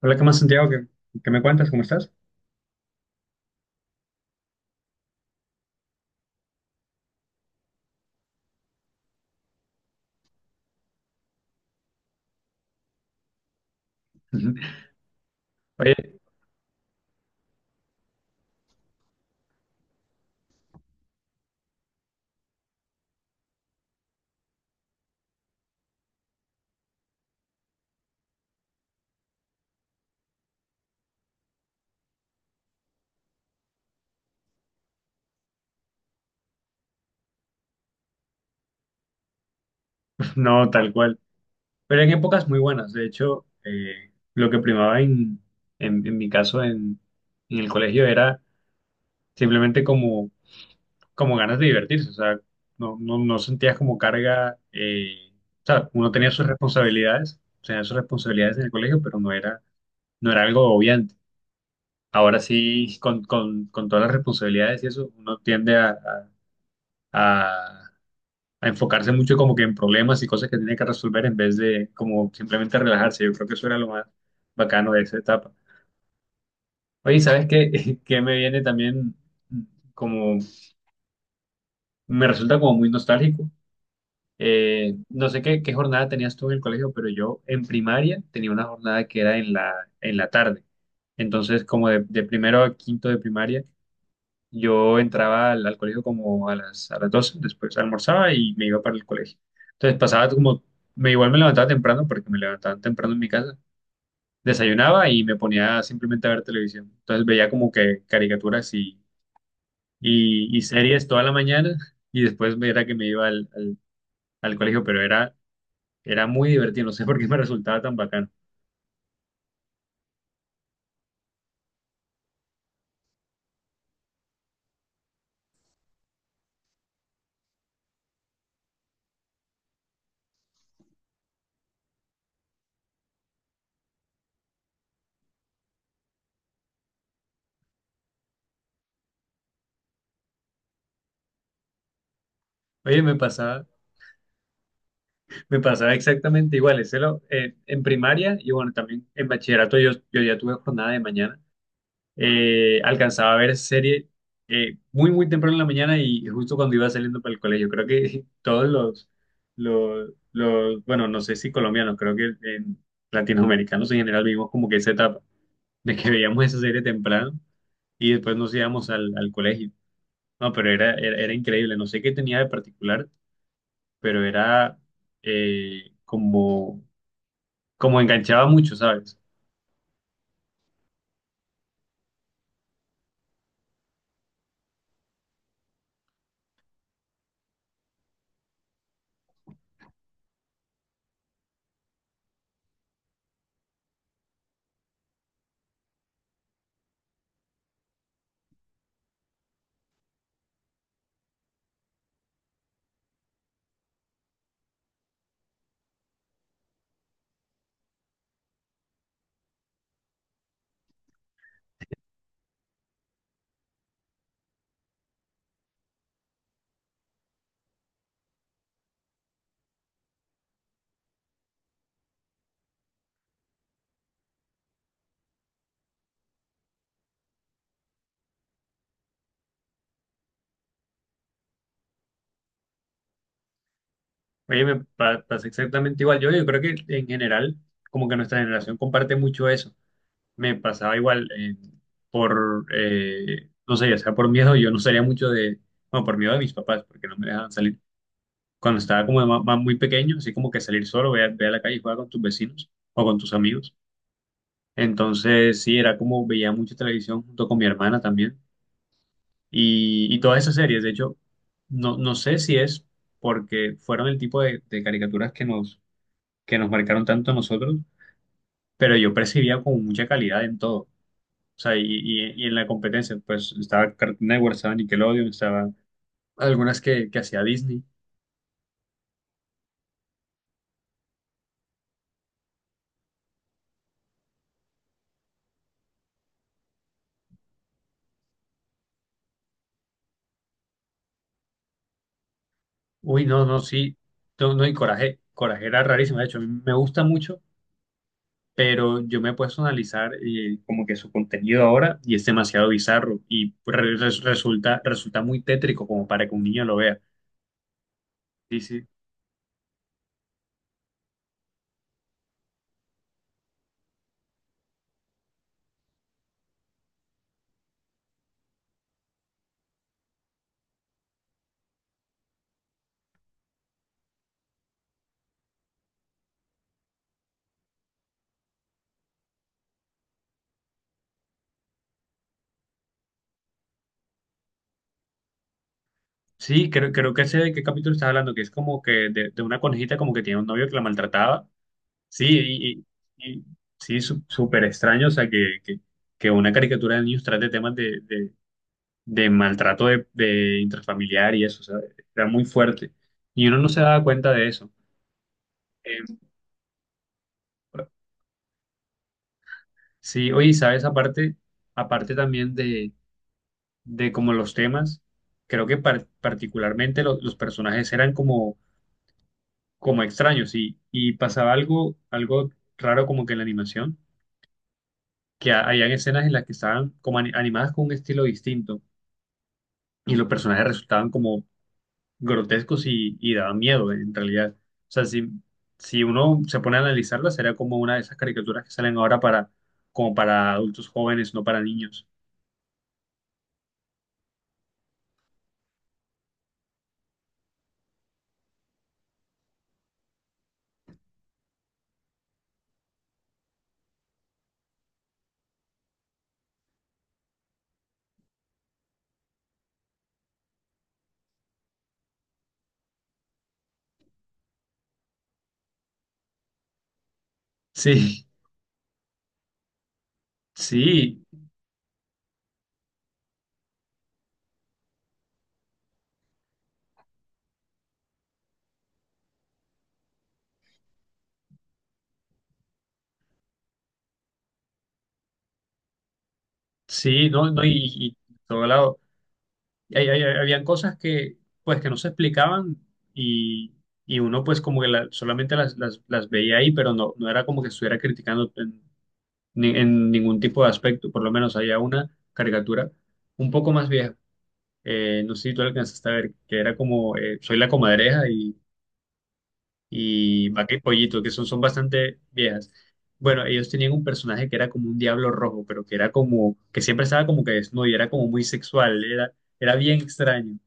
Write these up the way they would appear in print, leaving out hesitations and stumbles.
Hola, ¿qué más, Santiago? ¿Qué me cuentas? ¿Cómo estás? Ujú. Oye, no, tal cual. Pero en épocas muy buenas. De hecho, lo que primaba en mi caso en el colegio era simplemente como ganas de divertirse. O sea, no sentías como carga. O sea, uno tenía sus responsabilidades en el colegio, pero no era, no era algo obviante. Ahora sí, con todas las responsabilidades y eso, uno tiende a, a a enfocarse mucho como que en problemas y cosas que tiene que resolver en vez de como simplemente relajarse. Yo creo que eso era lo más bacano de esa etapa. Oye, ¿sabes qué? Que me viene también como, me resulta como muy nostálgico. No sé qué jornada tenías tú en el colegio, pero yo en primaria tenía una jornada que era en la tarde. Entonces, como de primero a quinto de primaria, yo entraba al colegio como a las doce, después almorzaba y me iba para el colegio. Entonces pasaba como, me igual me levantaba temprano porque me levantaban temprano en mi casa, desayunaba y me ponía simplemente a ver televisión. Entonces veía como que caricaturas y series toda la mañana y después era que me iba al colegio, pero era, era muy divertido, no sé por qué me resultaba tan bacano. Oye, me pasaba exactamente igual, ese en primaria y bueno, también en bachillerato yo ya tuve jornada de mañana. Alcanzaba a ver serie muy temprano en la mañana y justo cuando iba saliendo para el colegio. Creo que todos bueno, no sé si colombianos, creo que en latinoamericanos en general vivimos como que esa etapa de que veíamos esa serie temprano y después nos íbamos al colegio. No, pero era increíble, no sé qué tenía de particular, pero era eh, como, como enganchaba mucho, ¿sabes? Oye, pasa exactamente igual. Yo creo que en general, como que nuestra generación comparte mucho eso. Me pasaba igual, no sé, ya sea por miedo, yo no salía mucho de, bueno, por miedo de mis papás, porque no me dejaban salir. Cuando estaba como de muy pequeño, así como que salir solo, ve ve a la calle y jugar con tus vecinos o con tus amigos. Entonces, sí, era como veía mucha televisión junto con mi hermana también. Y todas esas series, de hecho, no sé si es porque fueron el tipo de caricaturas que nos marcaron tanto a nosotros, pero yo percibía como mucha calidad en todo. O sea, y en la competencia, pues estaba Cartoon Network, estaba Nickelodeon, estaba algunas que hacía Disney. Uy, no, no, sí, no, no, y Coraje, Coraje era rarísimo. De hecho, a mí me gusta mucho, pero yo me he puesto a analizar, como que su contenido ahora y es demasiado bizarro y resulta muy tétrico como para que un niño lo vea. Sí, sí. Sí, creo, creo que sé de qué capítulo estás hablando, que es como que de una conejita como que tiene un novio que la maltrataba. Sí, y- sí, súper extraño, o sea, que una caricatura de niños trate temas de maltrato de intrafamiliar y eso, o sea, era muy fuerte. Y uno no se daba cuenta de eso. Eh, sí, oye, ¿sabes? Aparte, aparte también de como los temas, creo que particularmente los personajes eran como, como extraños y pasaba algo, algo raro como que en la animación, que habían escenas en las que estaban como animadas con un estilo distinto y los personajes resultaban como grotescos y daban miedo en realidad. O sea, si, si uno se pone a analizarla, sería como una de esas caricaturas que salen ahora para, como para adultos jóvenes, no para niños. Sí, sí, sí, no, no, y por todo lado. Y habían cosas que, pues, que no se explicaban y, y uno, pues, como que solamente las veía ahí, pero no, no era como que estuviera criticando en, en ningún tipo de aspecto. Por lo menos había una caricatura un poco más vieja, no sé si tú alcanzaste a ver, que era como Soy la Comadreja y Vaca y Pollito, que son, son bastante viejas. Bueno, ellos tenían un personaje que era como un diablo rojo, pero que era como, que siempre estaba como que desnudo y era como muy sexual, era, era bien extraño.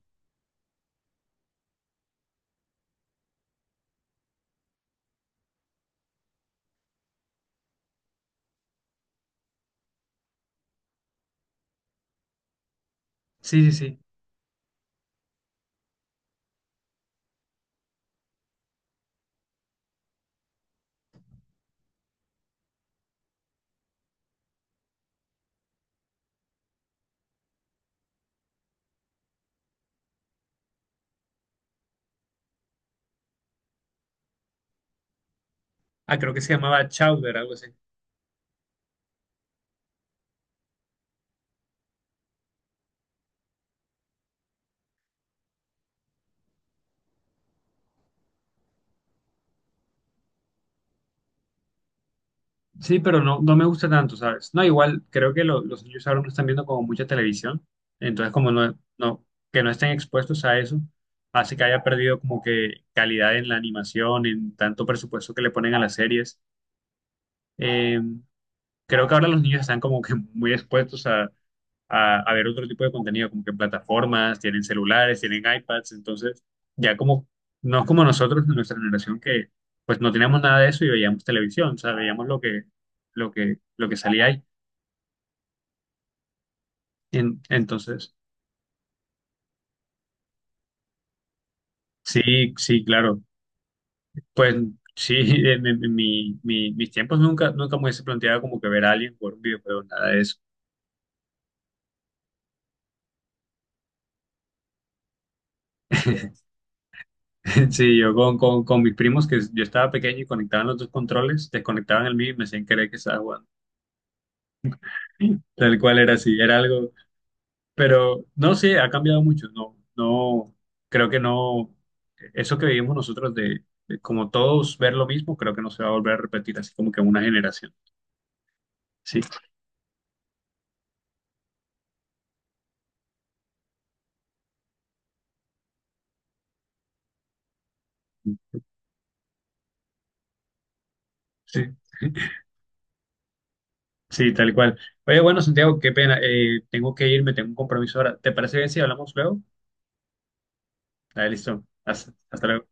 Sí, sí, sí. Ah, creo que se llamaba Chowder, algo así. Sí, pero no, no me gusta tanto, ¿sabes? No, igual creo que los niños ahora no están viendo como mucha televisión, entonces como no, no, que no estén expuestos a eso, hace que haya perdido como que calidad en la animación, en tanto presupuesto que le ponen a las series. Eh, Creo que ahora los niños están como que muy expuestos a ver otro tipo de contenido, como que plataformas, tienen celulares, tienen iPads, entonces ya como, no es como nosotros de nuestra generación que pues no teníamos nada de eso y veíamos televisión, o sea, veíamos lo que salía ahí. Entonces, sí, sí, claro, pues sí, en, mis tiempos nunca, nunca me hubiese planteado como que ver a alguien por un videojuego, nada de eso. Sí, yo con mis primos que yo estaba pequeño y conectaban los dos controles, desconectaban el mío y me hacían creer que estaba jugando. Tal cual era así, era algo, pero no sé, ha cambiado mucho, no, no, creo que no, eso que vivimos nosotros de como todos ver lo mismo, creo que no se va a volver a repetir así como que en una generación, sí, sí, sí, tal cual. Oye, bueno, Santiago, qué pena, tengo que irme, tengo un compromiso ahora, ¿te parece bien si hablamos luego? Dale, listo, hasta, hasta luego.